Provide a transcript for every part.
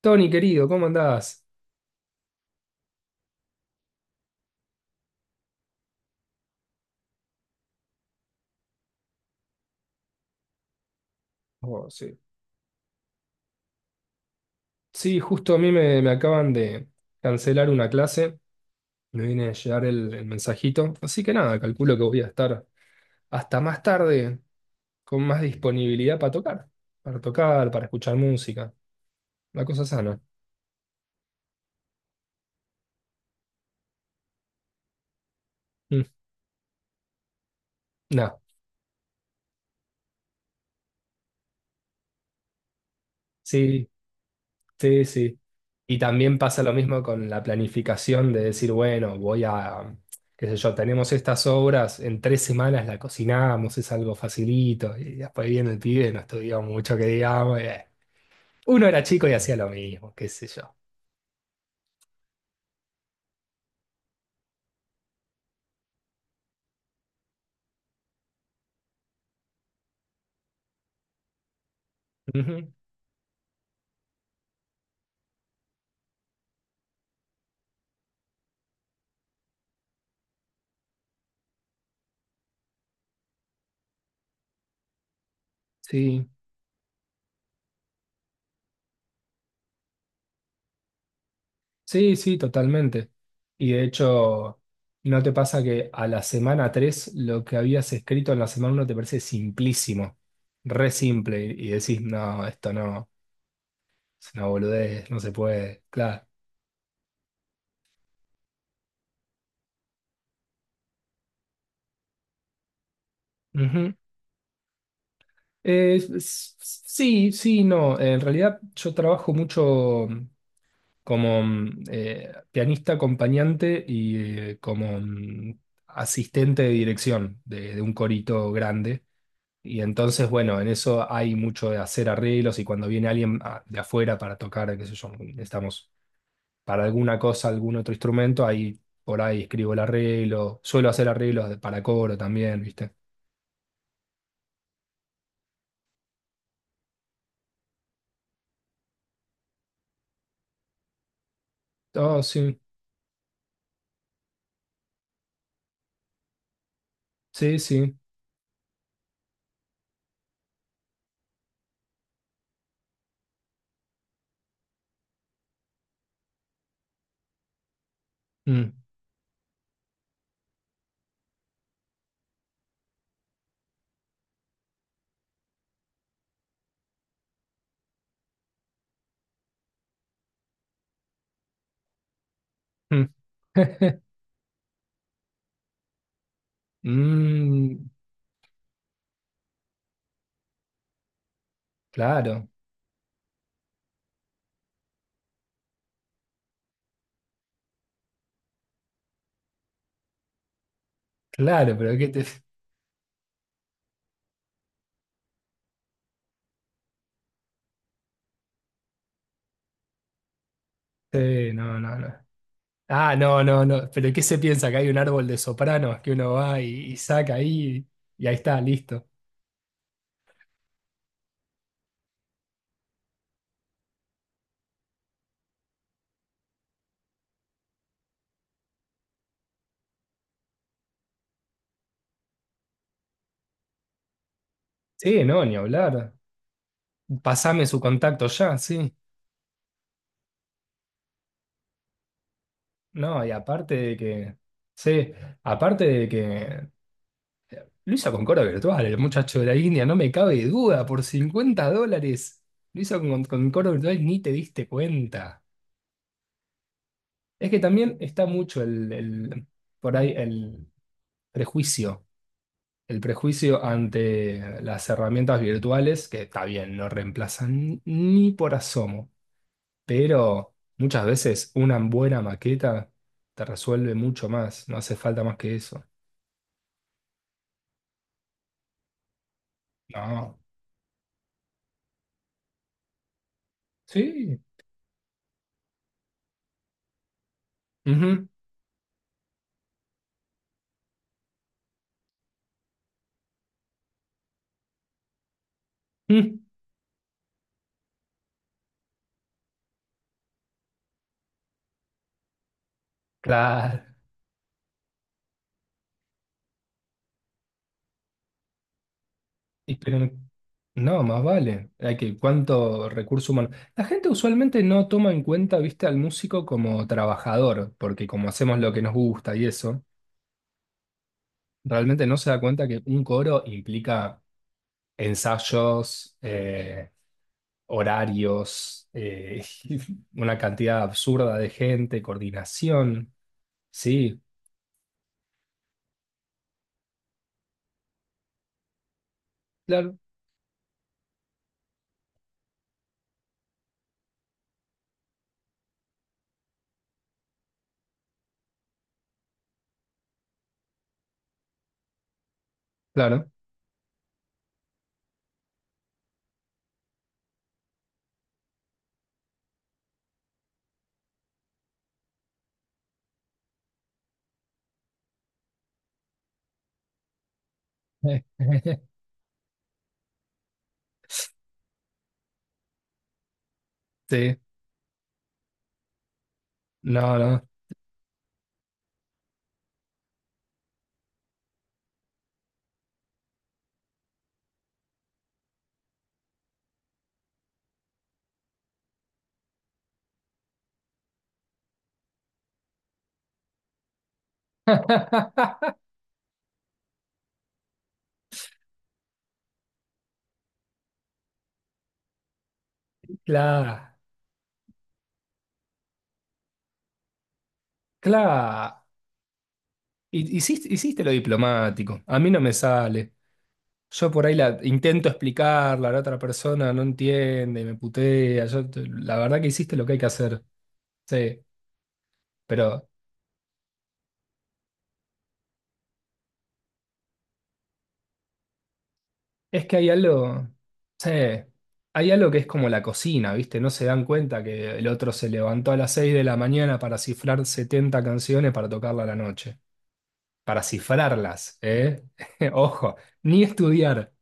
Tony, querido, ¿cómo andás? Oh, sí. Sí, justo a mí me acaban de cancelar una clase, me viene a llegar el mensajito, así que nada, calculo que voy a estar hasta más tarde con más disponibilidad para tocar, para escuchar música, una cosa sana. Mm, nada, sí, sí, sí. Y también pasa lo mismo con la planificación de decir, bueno, qué sé yo, tenemos estas obras, en 3 semanas la cocinamos, es algo facilito, y después viene el pibe, no estudió mucho que digamos, y, uno era chico y hacía lo mismo, qué sé yo. Ujú. Sí, sí, sí, totalmente. Y de hecho, ¿no te pasa que a la semana 3 lo que habías escrito en la semana uno te parece simplísimo, re simple, y decís, no, esto no? Es una boludez, no se puede, claro. Ujú. Eh, s- s- sí, sí, no. En realidad yo trabajo mucho como pianista acompañante y como asistente de dirección de un corito grande. Y entonces, bueno, en eso hay mucho de hacer arreglos y cuando viene alguien de afuera para tocar, qué sé yo, estamos para alguna cosa, algún otro instrumento, ahí por ahí escribo el arreglo. Suelo hacer arreglos para coro también, ¿viste? Oh, sí, sí, sí. Mm, mm. Mm, claro, claro, pero ¿qué te... Sí, no, no, no. Ah, no, no, no. Pero ¿qué se piensa? Que hay un árbol de sopranos que uno va y saca ahí y ahí está, listo. Sí, no, ni hablar. Pasame su contacto ya, sí. No, y aparte de que... Sí, aparte de que... Lo hizo con Cora Virtual, el muchacho de la India, no me cabe duda, por $50. Lo hizo con Cora Virtual, ni te diste cuenta. Es que también está mucho por ahí prejuicio, el prejuicio ante las herramientas virtuales, que está bien, no reemplazan ni por asomo, pero muchas veces una buena maqueta te resuelve mucho más, no hace falta más que eso. No. Sí. Ujú. Mm. Claro. Y pero no, más vale. Hay que, ¿cuánto recurso humano? La gente usualmente no toma en cuenta, viste, al músico como trabajador, porque como hacemos lo que nos gusta y eso, realmente no se da cuenta que un coro implica ensayos, horarios, una cantidad absurda de gente, coordinación. Sí, claro, claro. Sí, no, no. Claro, claro. Hiciste lo diplomático. A mí no me sale. Yo por ahí la intento explicarla, la otra persona no entiende, me putea. Yo la verdad que hiciste lo que hay que hacer. Sí, pero es que hay algo, sí, hay algo que es como la cocina, ¿viste? No se dan cuenta que el otro se levantó a las 6 de la mañana para cifrar 70 canciones para tocarla a la noche. Para cifrarlas, ¿eh? Ojo, ni estudiar.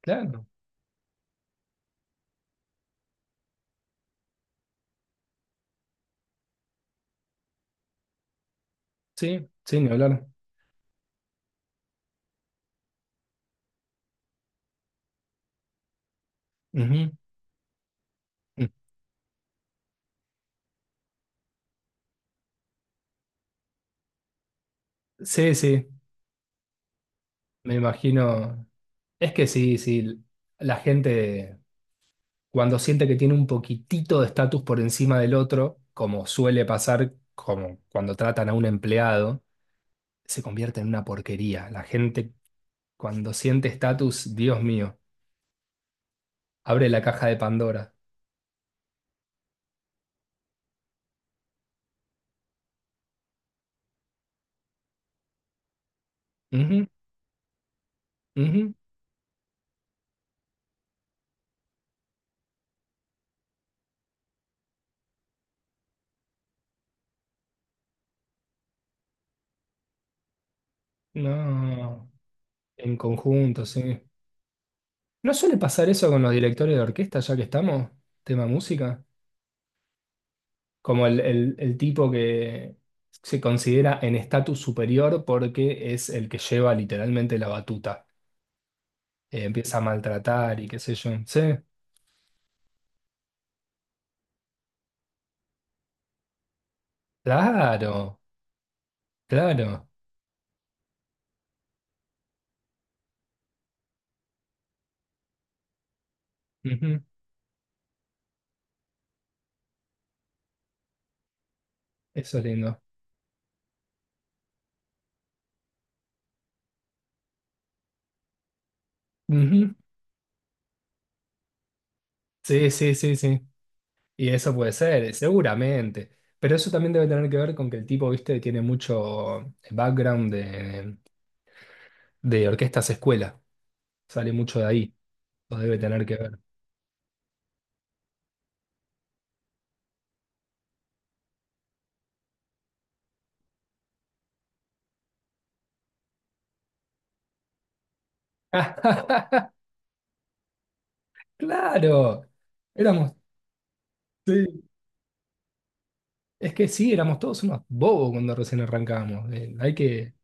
Claro, sí, sí, ni hablar. Ujú. Sí, sí. Me imagino, es que sí, sí, la gente cuando siente que tiene un poquitito de estatus por encima del otro, como suele pasar como cuando tratan a un empleado, se convierte en una porquería. La gente cuando siente estatus, Dios mío, abre la caja de Pandora. Ujú, ujú. No, en conjunto, sí. ¿No suele pasar eso con los directores de orquesta, ya que estamos? Tema música. Como el tipo que se considera en estatus superior porque es el que lleva literalmente la batuta. Empieza a maltratar y qué sé yo. Sí, claro, claro. Ujú. Eso es lindo. Ujú. Sí, sí, sí, sí. Y eso puede ser, seguramente. Pero eso también debe tener que ver con que el tipo, viste, tiene mucho background de orquestas escuela. Sale mucho de ahí. Lo debe tener que ver. Claro. Éramos Sí, es que sí, éramos todos unos bobos cuando recién arrancamos. Hay que,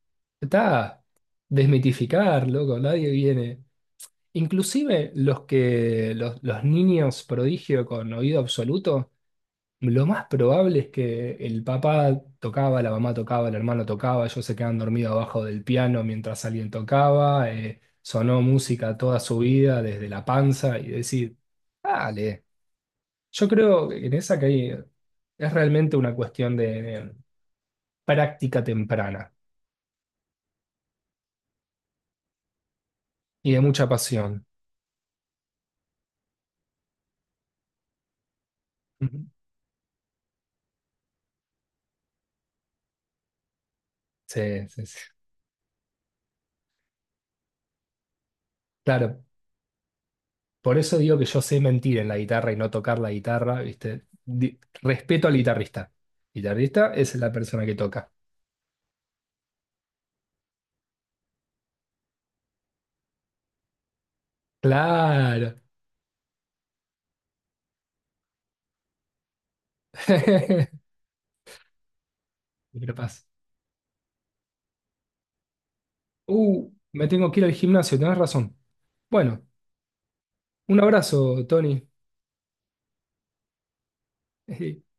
está, desmitificar, loco, nadie viene. Inclusive los niños prodigio con oído absoluto, lo más probable es que el papá tocaba, la mamá tocaba, el hermano tocaba, ellos se quedan dormidos abajo del piano mientras alguien tocaba, sonó música toda su vida desde la panza y decir, dale. Yo creo que en esa que hay, es realmente una cuestión de práctica temprana y de mucha pasión. Ujú. Sí, sí, sí. Claro, por eso digo que yo sé mentir en la guitarra y no tocar la guitarra, ¿viste? Respeto al guitarrista. Guitarrista es la persona que toca. Claro. Capaz. Me tengo que ir al gimnasio, tenés razón. Bueno, un abrazo, Tony.